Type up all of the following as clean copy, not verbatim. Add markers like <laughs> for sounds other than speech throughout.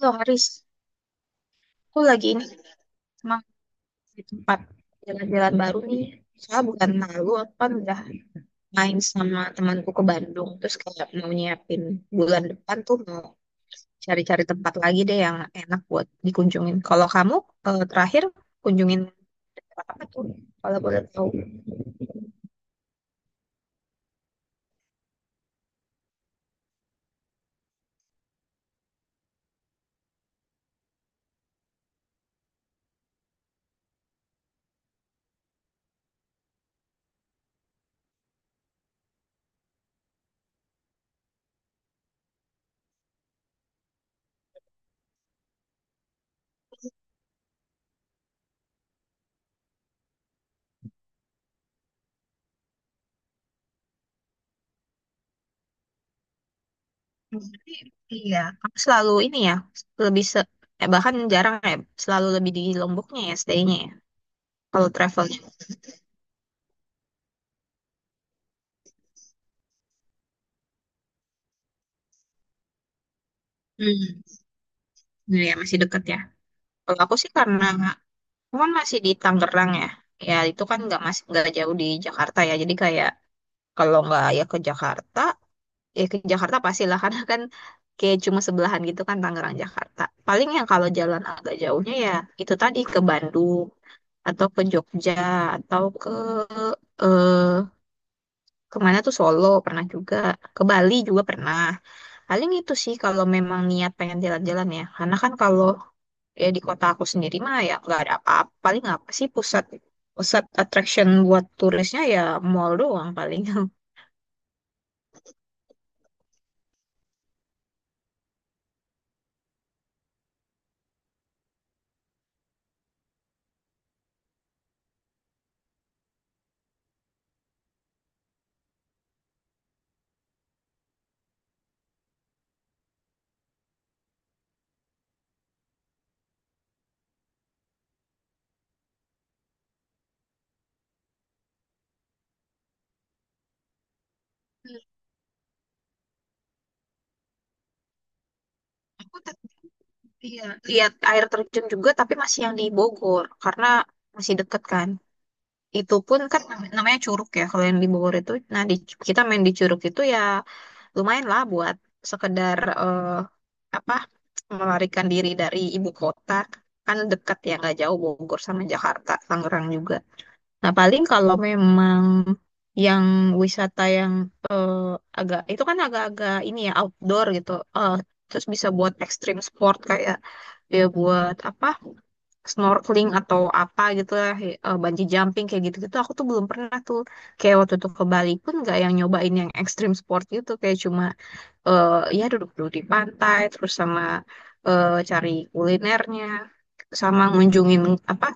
Loh Haris, aku lagi ini emang di tempat jalan-jalan baru nih. Soalnya bukan lalu aku kan udah main sama temanku ke Bandung. Terus kayak mau nyiapin bulan depan tuh mau cari-cari tempat lagi deh yang enak buat dikunjungin. Kalau kamu terakhir kunjungin tempat apa tuh? Kalau boleh tahu. Berarti, iya, kamu selalu ini ya, lebih bahkan jarang ya, selalu lebih di Lomboknya ya stay-nya ya, kalau travelnya. Hmm, iya masih deket ya. Kalau aku sih karena cuman masih di Tangerang ya. Ya itu kan nggak masih nggak jauh di Jakarta ya. Jadi kayak kalau nggak ya ke Jakarta, ya ke Jakarta pastilah <laughs> karena kan kayak cuma sebelahan gitu kan Tangerang Jakarta. Paling yang kalau jalan agak jauhnya ya itu tadi ke Bandung atau ke Jogja atau ke eh kemana tuh Solo pernah juga ke Bali juga pernah. Paling itu sih kalau memang niat pengen jalan-jalan ya. Karena kan kalau ya di kota aku sendiri mah ya nggak ada apa-apa paling apa sih pusat pusat attraction buat turisnya ya mall doang paling. <laughs> Aku lihat air terjun juga tapi masih yang di Bogor karena masih deket kan. Itu pun kan namanya curug ya kalau yang di Bogor itu, nah di, kita main di curug itu ya lumayan lah buat sekedar apa, melarikan diri dari ibu kota, kan dekat ya nggak jauh Bogor sama Jakarta Tangerang juga. Nah, paling kalau memang yang wisata yang eh, agak itu kan agak-agak ini ya outdoor gitu. Eh, Terus bisa buat extreme sport kayak ya buat apa snorkeling atau apa gitu lah, bungee jumping kayak gitu-gitu. Aku tuh belum pernah tuh. Kayak waktu itu ke Bali pun nggak yang nyobain yang extreme sport gitu. Kayak cuma eh, ya duduk-duduk di pantai terus sama cari kulinernya sama ngunjungin apa?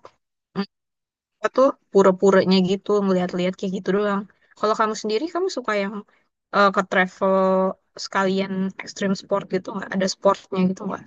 Aku tuh pura-puranya gitu ngeliat-liat kayak gitu doang. Kalau kamu sendiri, kamu suka yang ke travel sekalian ekstrim sport gitu nggak? Ada sportnya gitu nggak?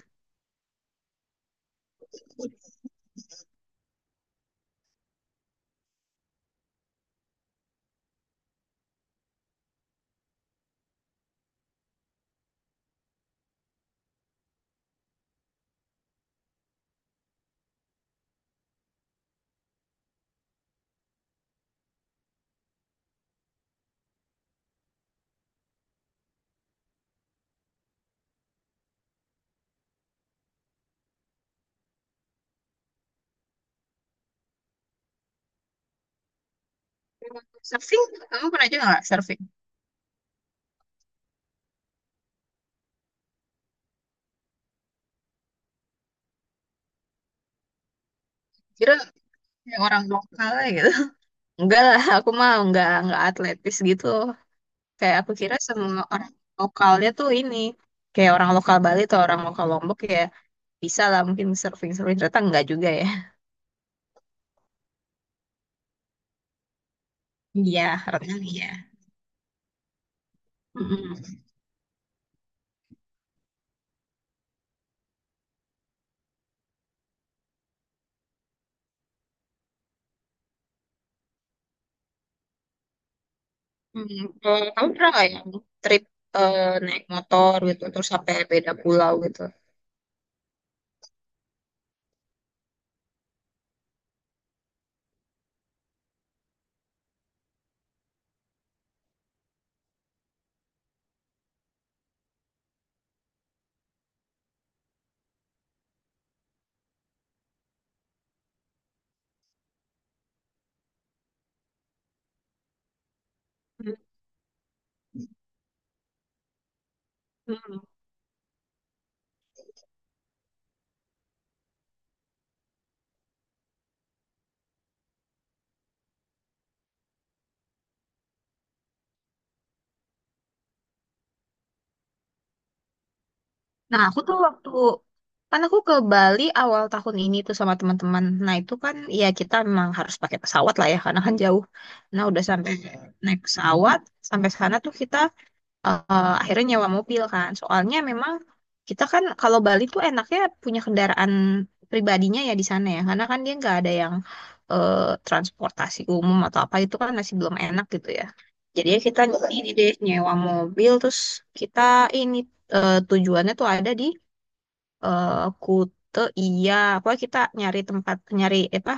Surfing, kamu pernah juga nggak surfing? Kira kayak orang lokal aja gitu. <laughs> Enggak lah, aku mah nggak atletis gitu. Kayak aku kira semua orang lokalnya tuh ini kayak orang lokal Bali atau orang lokal Lombok ya bisa lah mungkin surfing surfing ternyata enggak juga ya. Iya, renang iya. Mm-mm. Kalau kamu pernah nggak yang trip eh, naik motor gitu terus sampai beda pulau gitu? Hmm. Nah, aku tuh waktu kan aku ke Bali awal tahun ini tuh sama teman-teman. Nah, itu kan ya kita memang harus pakai pesawat lah ya karena kan jauh. Nah, udah sampai naik pesawat, sampai sana tuh kita akhirnya nyewa mobil kan. Soalnya memang kita kan kalau Bali tuh enaknya punya kendaraan pribadinya ya di sana ya, karena kan dia nggak ada yang eh, transportasi umum atau apa itu kan masih belum enak gitu ya. Jadi ya kita ini deh nyewa mobil terus kita ini tujuannya tuh ada di eh, Kute iya, pokoknya kita nyari tempat nyari apa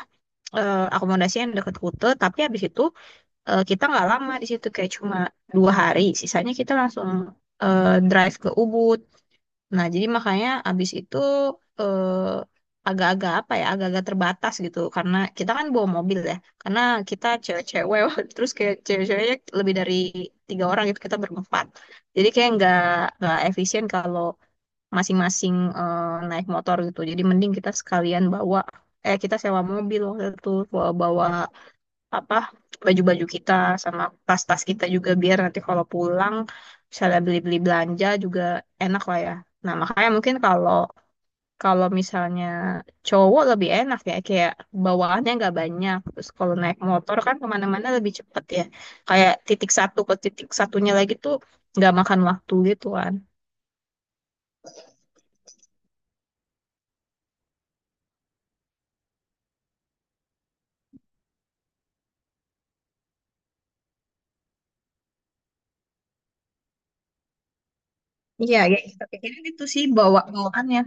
akomodasi yang dekat Kute, tapi habis itu kita nggak lama di situ kayak cuma dua hari, sisanya kita langsung drive ke Ubud. Nah jadi makanya abis itu agak-agak apa ya agak-agak terbatas gitu karena kita kan bawa mobil ya, karena kita cewek-cewek, <laughs> terus kayak cewek-ceweknya lebih dari tiga orang gitu kita berempat, jadi kayak nggak efisien kalau masing-masing naik motor gitu, jadi mending kita sekalian bawa, kita sewa mobil waktu itu bawa bawa apa baju-baju kita sama tas-tas kita juga, biar nanti kalau pulang misalnya beli-beli belanja juga enak lah ya. Nah, makanya mungkin kalau kalau misalnya cowok lebih enak ya kayak bawaannya nggak banyak. Terus kalau naik motor kan kemana-mana lebih cepet ya. Kayak titik satu ke titik satunya lagi tuh nggak makan waktu gitu kan. Iya, ya kita pikirin itu sih bawa bawaannya.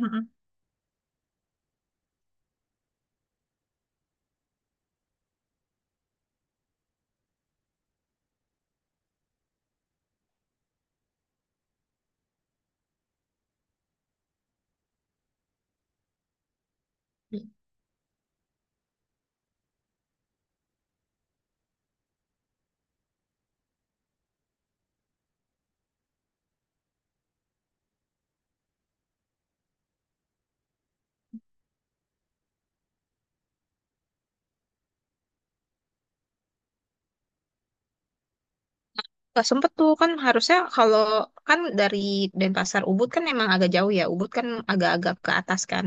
Gak sempet tuh kan, harusnya kalau kan dari Denpasar Ubud kan emang agak jauh ya, Ubud kan agak-agak ke atas kan,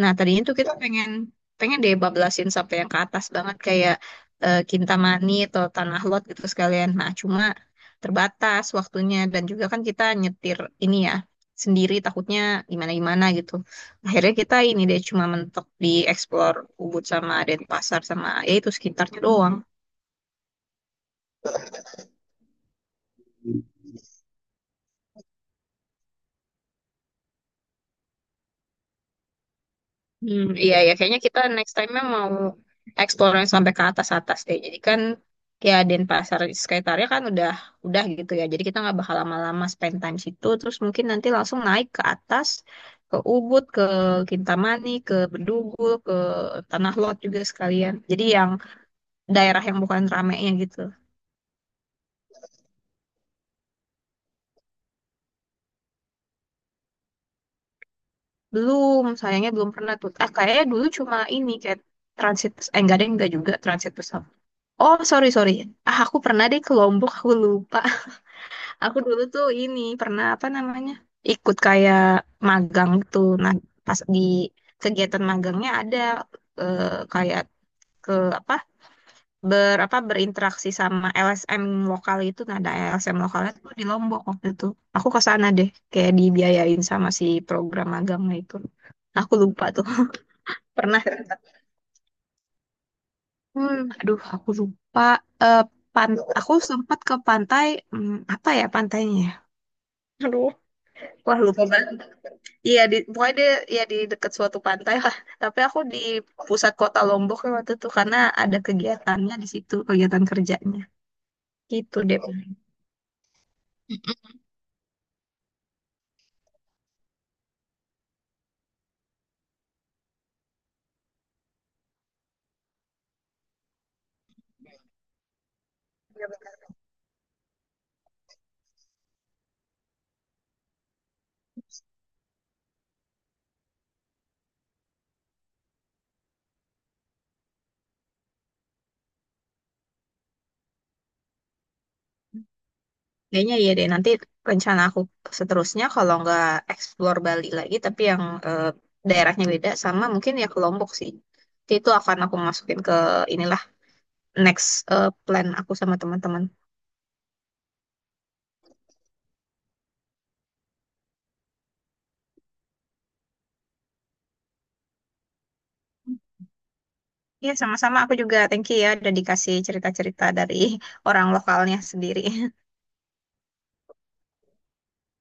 nah tadinya tuh kita pengen pengen deh bablasin sampai yang ke atas banget kayak Kintamani atau Tanah Lot gitu sekalian, nah cuma terbatas waktunya, dan juga kan kita nyetir ini ya sendiri takutnya gimana-gimana gitu, akhirnya kita ini deh cuma mentok di explore Ubud sama Denpasar sama ya itu sekitarnya doang. Hmm, iya ya, kayaknya kita next time-nya mau explore yang sampai ke atas-atas deh. Jadi kan ya Denpasar sekitarnya kan udah gitu ya. Jadi kita nggak bakal lama-lama spend time situ. Terus mungkin nanti langsung naik ke atas, ke Ubud, ke Kintamani, ke Bedugu, ke Tanah Lot juga sekalian. Jadi yang daerah yang bukan ramenya gitu. Belum, sayangnya belum pernah tuh. Ah, kayaknya dulu cuma ini kayak transit, eh enggak deh, enggak juga transit pesawat. Oh, sorry, sorry. Ah, aku pernah deh ke Lombok, aku lupa. Aku dulu tuh ini pernah apa namanya ikut kayak magang gitu. Nah pas di kegiatan magangnya ada eh, kayak ke apa berinteraksi sama LSM lokal itu. Nah ada LSM lokalnya tuh di Lombok waktu itu. Aku ke sana deh kayak dibiayain sama si program magangnya itu. Nah, aku lupa tuh. <laughs> Pernah. Aduh aku lupa. Eh, pan aku sempat ke pantai, apa ya pantainya? Ya? Aduh, wah lupa banget. Iya di pokoknya dia ya di dekat suatu pantai lah. Tapi aku di pusat kota Lombok waktu itu karena ada kegiatannya di situ, kegiatan kerjanya. Gitu deh. Kayaknya iya deh nanti rencana aku seterusnya kalau nggak explore Bali lagi tapi yang eh, daerahnya beda sama mungkin ya ke Lombok sih. Nanti itu akan aku masukin ke inilah next plan aku sama teman-teman. Iya sama-sama, aku juga thank you ya udah dikasih cerita-cerita dari orang lokalnya sendiri.